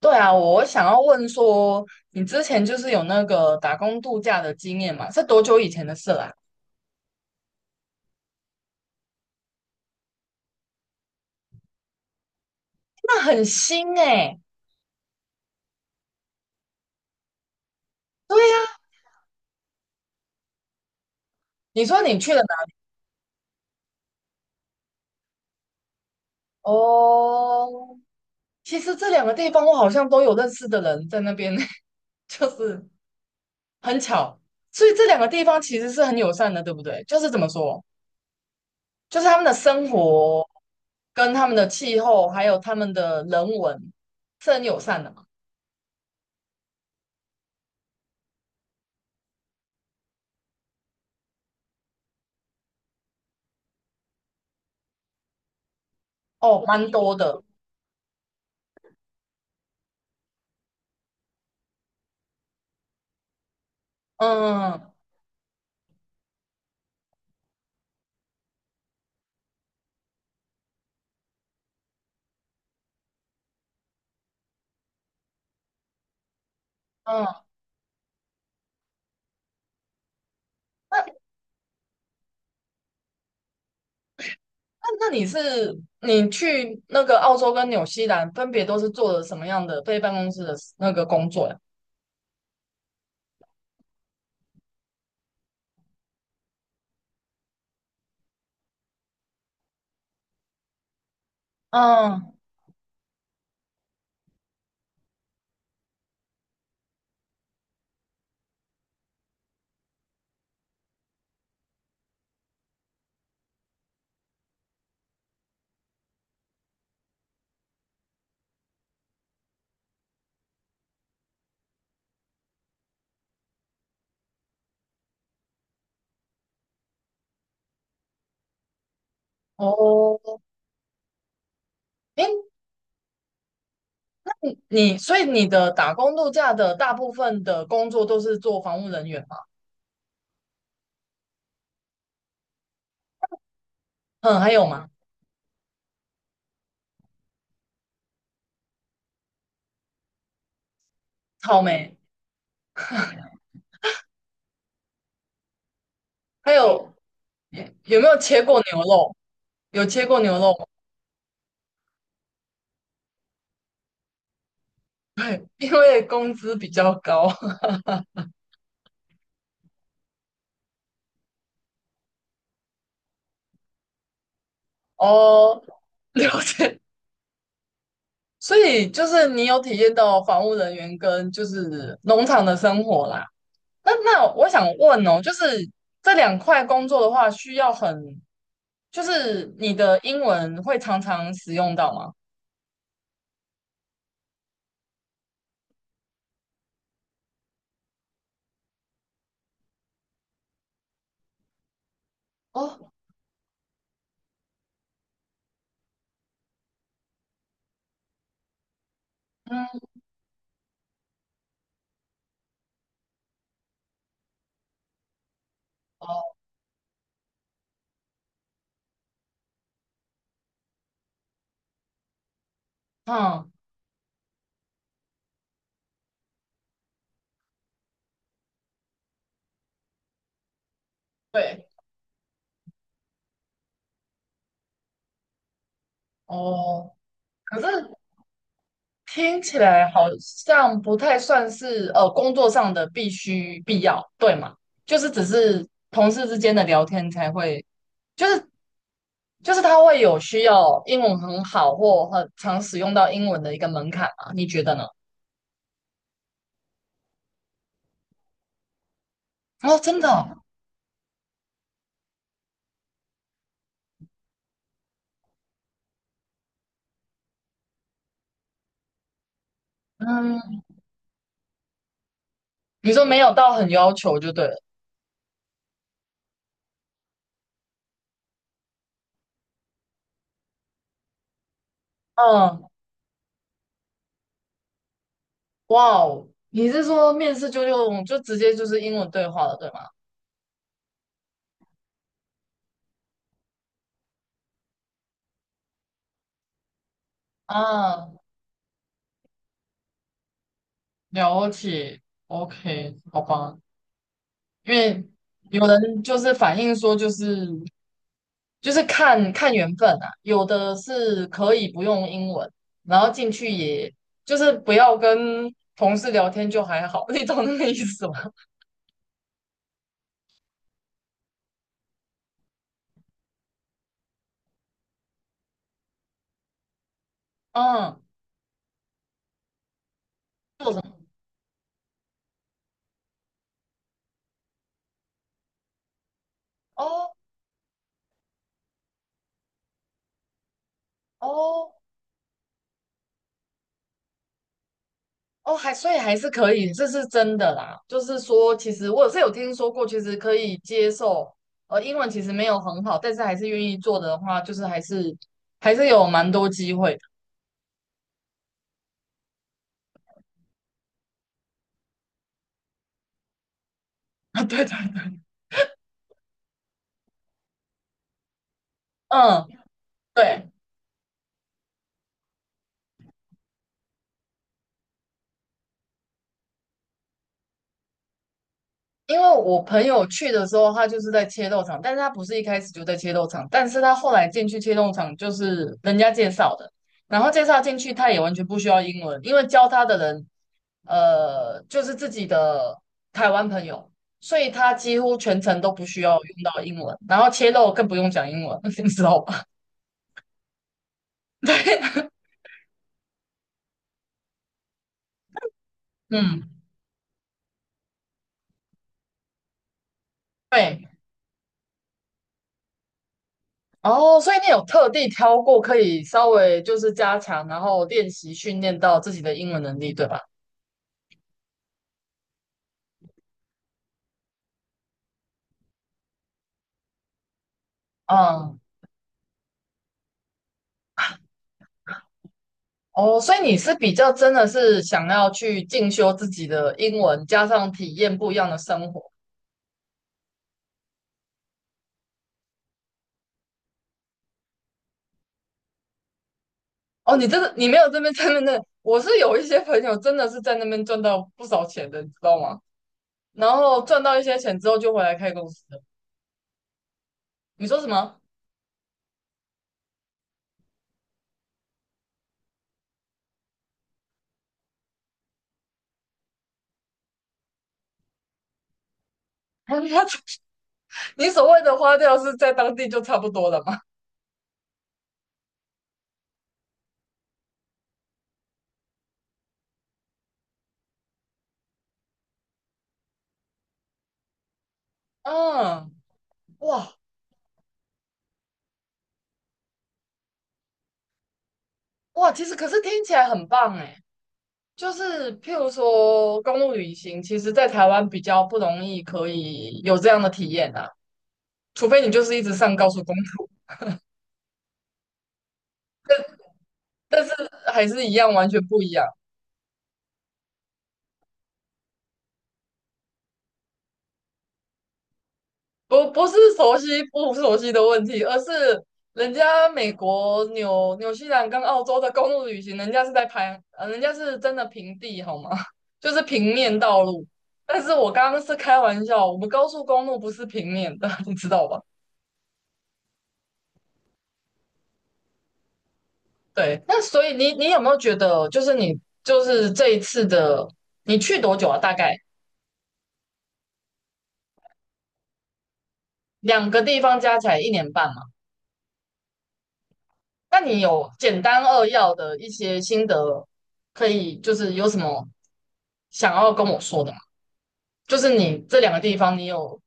对啊，我想要问说，你之前就是有那个打工度假的经验嘛？是多久以前的事啦？那很新哎、对呀、你说你去了哪？哦，其实这两个地方我好像都有认识的人在那边，就是很巧。所以这两个地方其实是很友善的，对不对？就是怎么说，就是他们的生活跟他们的气候，还有他们的人文是很友善的嘛。哦，蛮多的。嗯嗯，那那你去那个澳洲跟纽西兰，分别都是做了什么样的非办公室的那个工作呀？嗯，哦，诶，所以你的打工度假的大部分的工作都是做防务人员吗？嗯，还有吗？草莓，还有有没有切过牛肉？有切过牛肉吗？因为工资比较高。哦，了解。所以就是你有体验到防务人员跟就是农场的生活啦。那我想问哦，就是这两块工作的话，需要很，就是你的英文会常常使用到吗？哦，嗯，哦，嗯，对，哦，可是听起来好像不太算是工作上的必须必要，对吗？就是只是同事之间的聊天才会，就是就是他会有需要英文很好或很常使用到英文的一个门槛啊，你觉得呢？哦，真的哦。嗯。你说没有到很要求就对了。嗯，哇哦，你是说面试就用就直接就是英文对话了，对吗？啊，了解，OK，好吧。因为有人就是反映说，就是看看缘分啊，有的是可以不用英文，然后进去也就是不要跟同事聊天就还好，你懂那个意思吗？嗯，做什么？哦哦哦，所以还是可以，这是真的啦。就是说，其实我是有听说过，其实可以接受。英文其实没有很好，但是还是愿意做的话，就是还是有蛮多机会的。啊，对对对，嗯，对。因为我朋友去的时候，他就是在切肉场，但是他不是一开始就在切肉场，但是他后来进去切肉场就是人家介绍的，然后介绍进去，他也完全不需要英文，因为教他的人，就是自己的台湾朋友，所以他几乎全程都不需要用到英文，然后切肉更不用讲英文，你知道吧？对，嗯，对。哦，所以你有特地挑过可以稍微就是加强，然后练习训练到自己的英文能力，对吧？嗯，哦，所以你是比较真的是想要去进修自己的英文，加上体验不一样的生活。哦，你这个你没有这边在那，我是有一些朋友真的是在那边赚到不少钱的，你知道吗？然后赚到一些钱之后就回来开公司的。你说什么？他你所谓的花掉是在当地就差不多了吗？嗯，哇哇，其实可是听起来很棒诶，就是譬如说公路旅行，其实在台湾比较不容易可以有这样的体验啊。除非你就是一直上高速公路，但是还是一样，完全不一样。不是熟悉不熟悉的问题，而是人家美国、纽西兰跟澳洲的公路旅行，人家是在拍，人家是真的平地，好吗？就是平面道路。但是我刚刚是开玩笑，我们高速公路不是平面的，你知道吧？对，那所以你有没有觉得，就是你就是这一次的，你去多久啊？大概两个地方加起来1年半嘛？那你有简单扼要的一些心得，可以就是有什么想要跟我说的吗？就是你这两个地方，你有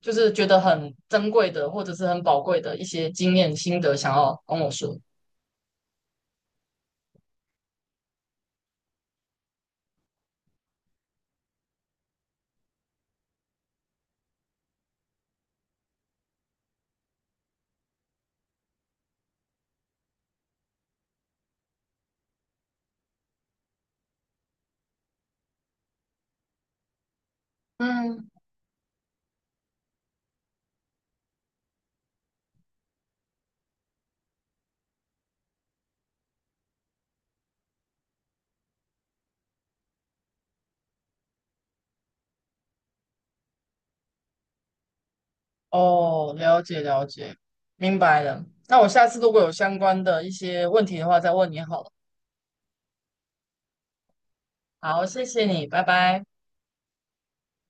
就是觉得很珍贵的，或者是很宝贵的一些经验心得，想要跟我说。嗯，哦，了解了解，明白了，那我下次如果有相关的一些问题的话，再问你好了。好，谢谢你，拜拜。